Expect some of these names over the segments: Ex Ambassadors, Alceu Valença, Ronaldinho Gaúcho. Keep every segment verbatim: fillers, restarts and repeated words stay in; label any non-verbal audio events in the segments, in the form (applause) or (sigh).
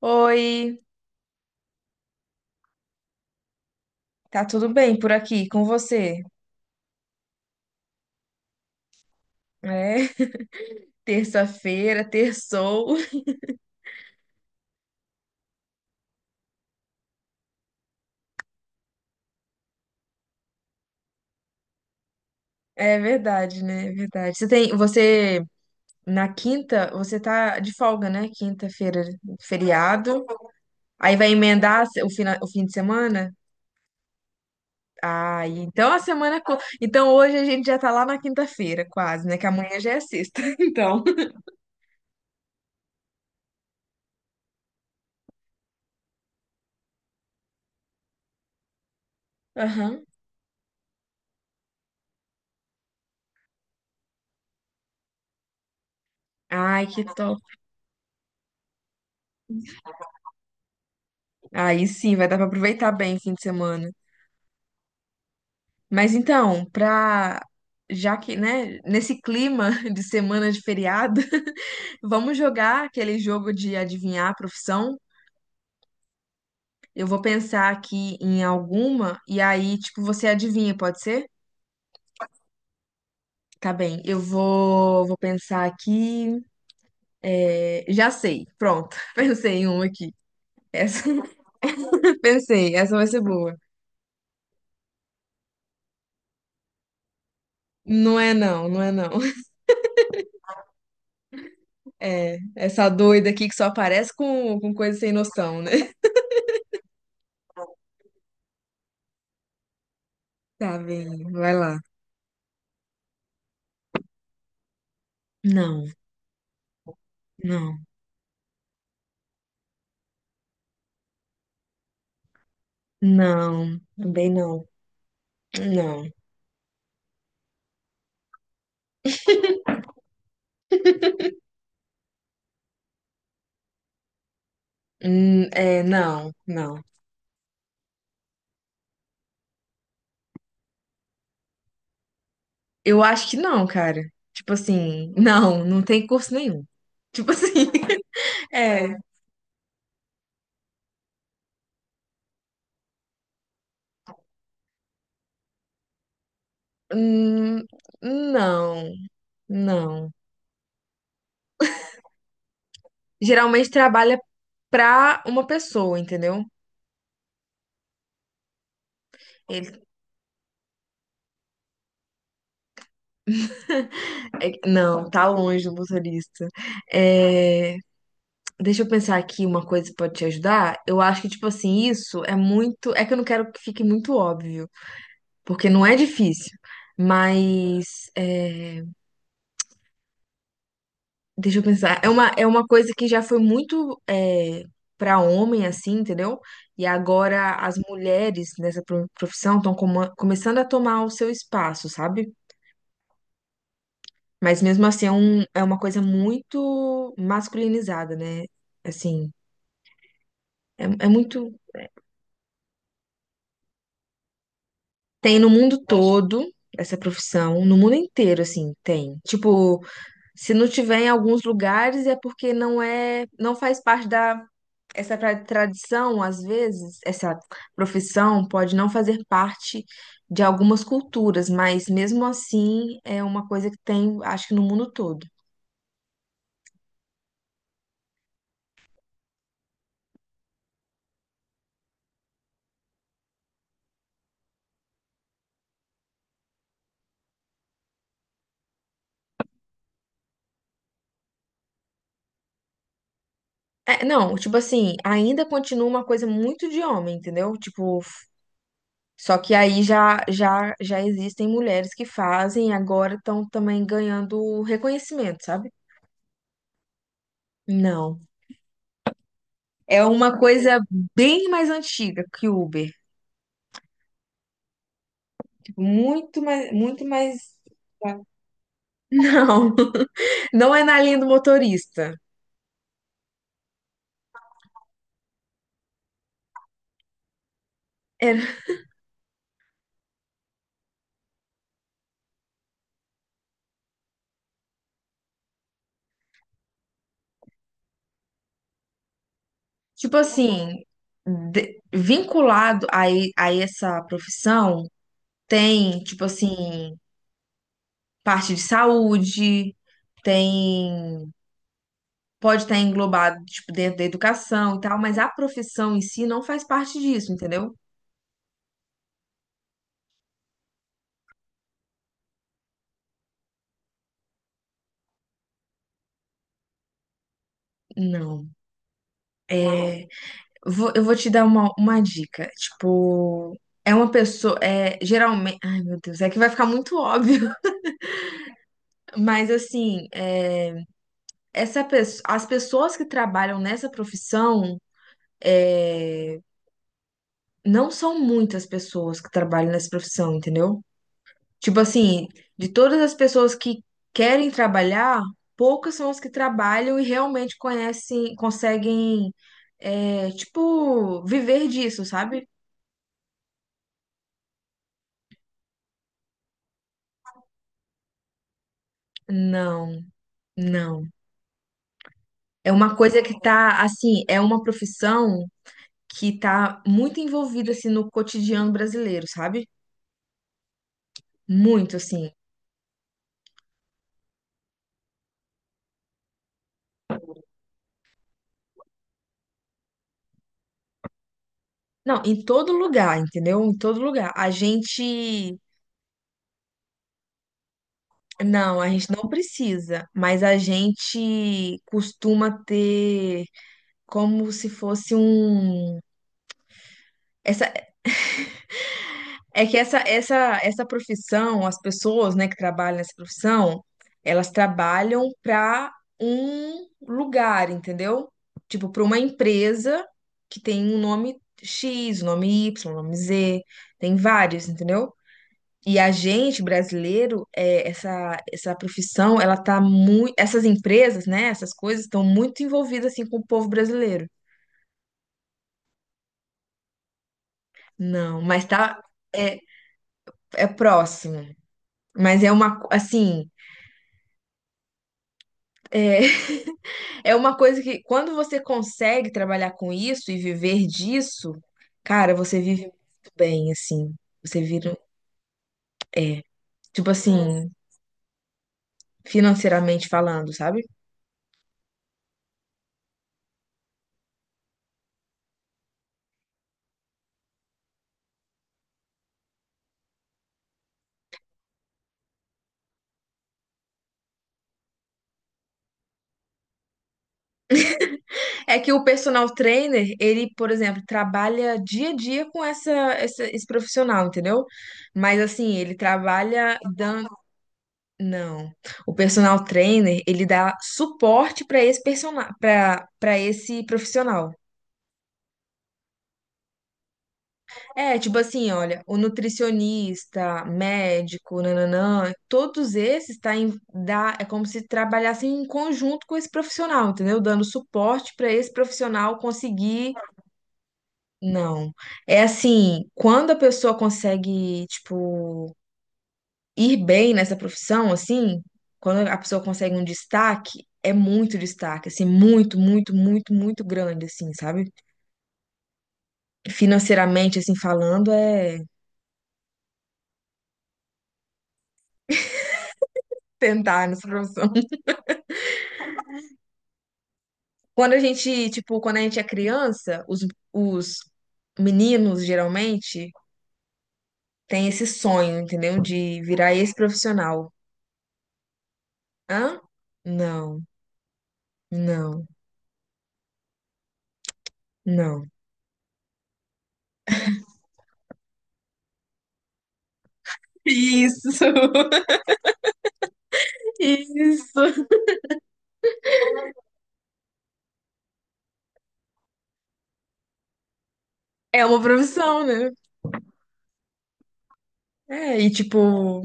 Oi, tá tudo bem por aqui com você? É, (laughs) terça-feira, terçou. É verdade, né? É verdade. Você tem, você na quinta, você tá de folga, né? Quinta-feira, feriado. Aí vai emendar o fina, o fim de semana? Ah, e então a semana, co- então hoje a gente já tá lá na quinta-feira, quase, né? Que amanhã já é sexta. (laughs) Então, aham. Ai, que top. Aí sim, vai dar pra aproveitar bem o fim de semana. Mas então, pra. Já que, né, nesse clima (laughs) de semana de feriado, (laughs) vamos jogar aquele jogo de adivinhar a profissão. Eu vou pensar aqui em alguma e aí, tipo, você adivinha, pode ser? Tá bem, eu vou, vou pensar aqui. É, já sei, pronto. (laughs) Pensei em uma aqui. Essa, (laughs) pensei, essa vai ser boa. Não é não, não é não. (laughs) É, essa doida aqui que só aparece com, com coisa sem noção, né? (laughs) Tá bem, vai lá. Não, não. Não, também não. Não. Hum, é, não, não. Eu acho que não, cara. Tipo assim, não, não tem curso nenhum. Tipo assim, (laughs) é. Hum, não, não. Geralmente trabalha pra uma pessoa, entendeu? Ele, é- não, tá longe do motorista. É, deixa eu pensar aqui uma coisa que pode te ajudar. Eu acho que, tipo assim, isso é muito. É que eu não quero que fique muito óbvio. Porque não é difícil. Mas, é, deixa eu pensar, é uma, é uma coisa que já foi muito é, para homem, assim, entendeu? E agora as mulheres nessa pro- profissão estão começando a tomar o seu espaço, sabe? Mas mesmo assim é, um, é uma coisa muito masculinizada, né? Assim, é, é muito. Tem no mundo todo essa profissão, no mundo inteiro, assim, tem. Tipo, se não tiver em alguns lugares é porque não é, não faz parte da essa tra- tradição, às vezes, essa profissão pode não fazer parte de algumas culturas, mas mesmo assim é uma coisa que tem, acho que no mundo todo. É, não, tipo assim, ainda continua uma coisa muito de homem, entendeu? Tipo, f- só que aí já já já existem mulheres que fazem e agora estão também ganhando reconhecimento, sabe? Não. É uma coisa bem mais antiga que o Uber. Tipo, muito mais, muito mais. (laughs) Não. Não é na linha do motorista. É, tipo assim, de- vinculado a, e- a essa profissão, tem, tipo assim, parte de saúde, tem, pode estar englobado, tipo, dentro da educação e tal, mas a profissão em si não faz parte disso, entendeu? Não. É, vou- eu vou te dar uma, uma dica. Tipo, é uma pessoa, é, geralmente, ai meu Deus, é que vai ficar muito óbvio, (laughs) mas assim, é. Essa pes- as pessoas que trabalham nessa profissão é, não são muitas pessoas que trabalham nessa profissão, entendeu? Tipo assim, de todas as pessoas que querem trabalhar, poucas são as que trabalham e realmente conhecem, conseguem, é, tipo, viver disso, sabe? Não, não. É uma coisa que tá, assim, é uma profissão que tá muito envolvida, assim, no cotidiano brasileiro, sabe? Muito, assim. Não, em todo lugar, entendeu? Em todo lugar. A gente. Não, a gente não precisa, mas a gente costuma ter como se fosse um. Essa, é que essa, essa, essa profissão, as pessoas, né, que trabalham nessa profissão, elas trabalham para um lugar, entendeu? Tipo, para uma empresa que tem um nome X, um nome Y, um nome Z, tem vários, entendeu? E a gente, brasileiro, é, essa, essa profissão, ela tá muito. Essas empresas, né? Essas coisas estão muito envolvidas assim com o povo brasileiro. Não, mas tá. É, é próximo. Mas é uma. co- Assim. É, (laughs) é uma coisa que, quando você consegue trabalhar com isso e viver disso, cara, você vive muito bem, assim. Você vira. Tipo assim, financeiramente falando, sabe? É que o personal trainer, ele, por exemplo, trabalha dia a dia com essa, essa- esse profissional, entendeu? Mas assim, ele trabalha dando. Não. O personal trainer, ele dá suporte para esse persona... para para esse profissional. É, tipo assim, olha, o nutricionista, médico, nananã, todos esses tá em, dá, é como se trabalhassem em conjunto com esse profissional, entendeu? Dando suporte para esse profissional conseguir. Não. É assim, quando a pessoa consegue, tipo, ir bem nessa profissão, assim, quando a pessoa consegue um destaque, é muito destaque, assim, muito, muito, muito, muito grande, assim, sabe? Financeiramente, assim, falando, é tentar nessa profissão. (laughs) Quando a gente, tipo, quando a gente é criança, os, os meninos, geralmente, têm esse sonho, entendeu? De virar esse profissional. Hã? Não, não, não. Isso. (laughs) Isso. É uma profissão, né? É, e tipo,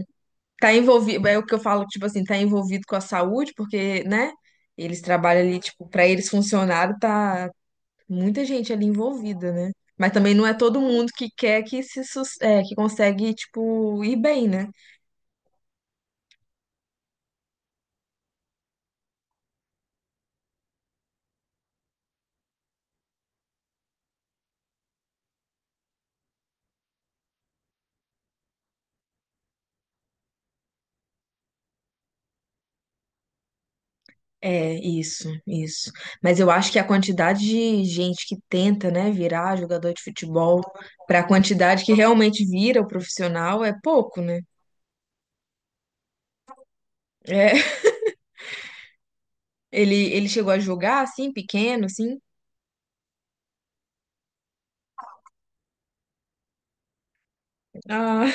tá envolvido, é o que eu falo, tipo assim, tá envolvido com a saúde, porque, né? Eles trabalham ali, tipo, pra eles funcionarem, tá muita gente ali envolvida, né? Mas também não é todo mundo que quer que se sus- é, que consegue, tipo, ir bem, né? É, isso, isso. Mas eu acho que a quantidade de gente que tenta, né, virar jogador de futebol, pra quantidade que realmente vira o profissional, é pouco, né? É. Ele, ele chegou a jogar assim, pequeno, assim? Ah,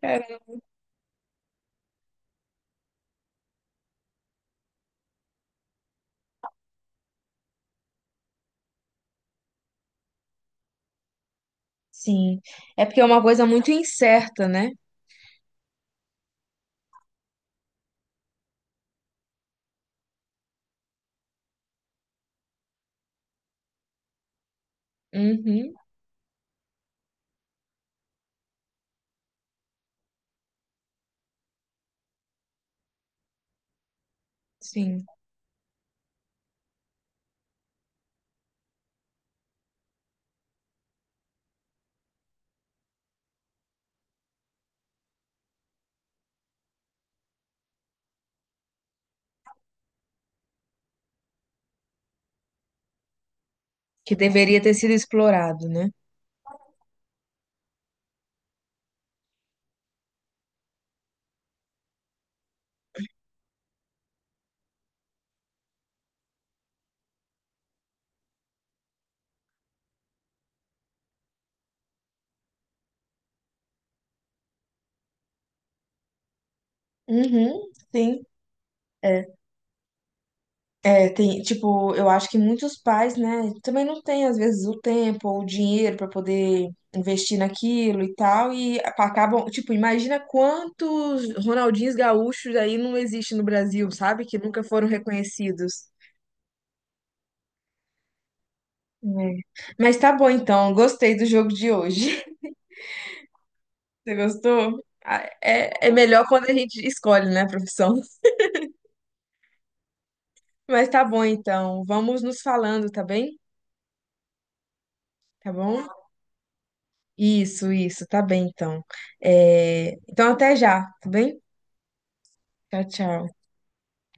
(laughs) cara. Sim. É porque é uma coisa muito incerta, né? Uhum, sim. Que deveria ter sido explorado, né? Uhum, sim. É, é, tem, tipo, eu acho que muitos pais, né, também não têm, às vezes, o tempo ou o dinheiro para poder investir naquilo e tal, e apa- acabam, tipo, imagina quantos Ronaldinhos gaúchos aí não existem no Brasil, sabe? Que nunca foram reconhecidos. É. Mas tá bom então, gostei do jogo de hoje. (laughs) Você gostou? Ah, é, é melhor quando a gente escolhe, né, a profissão. (laughs) Mas tá bom então, vamos nos falando, tá bem? Tá bom? Isso, isso, tá bem então. É, então até já, tá bem? Tchau, tchau.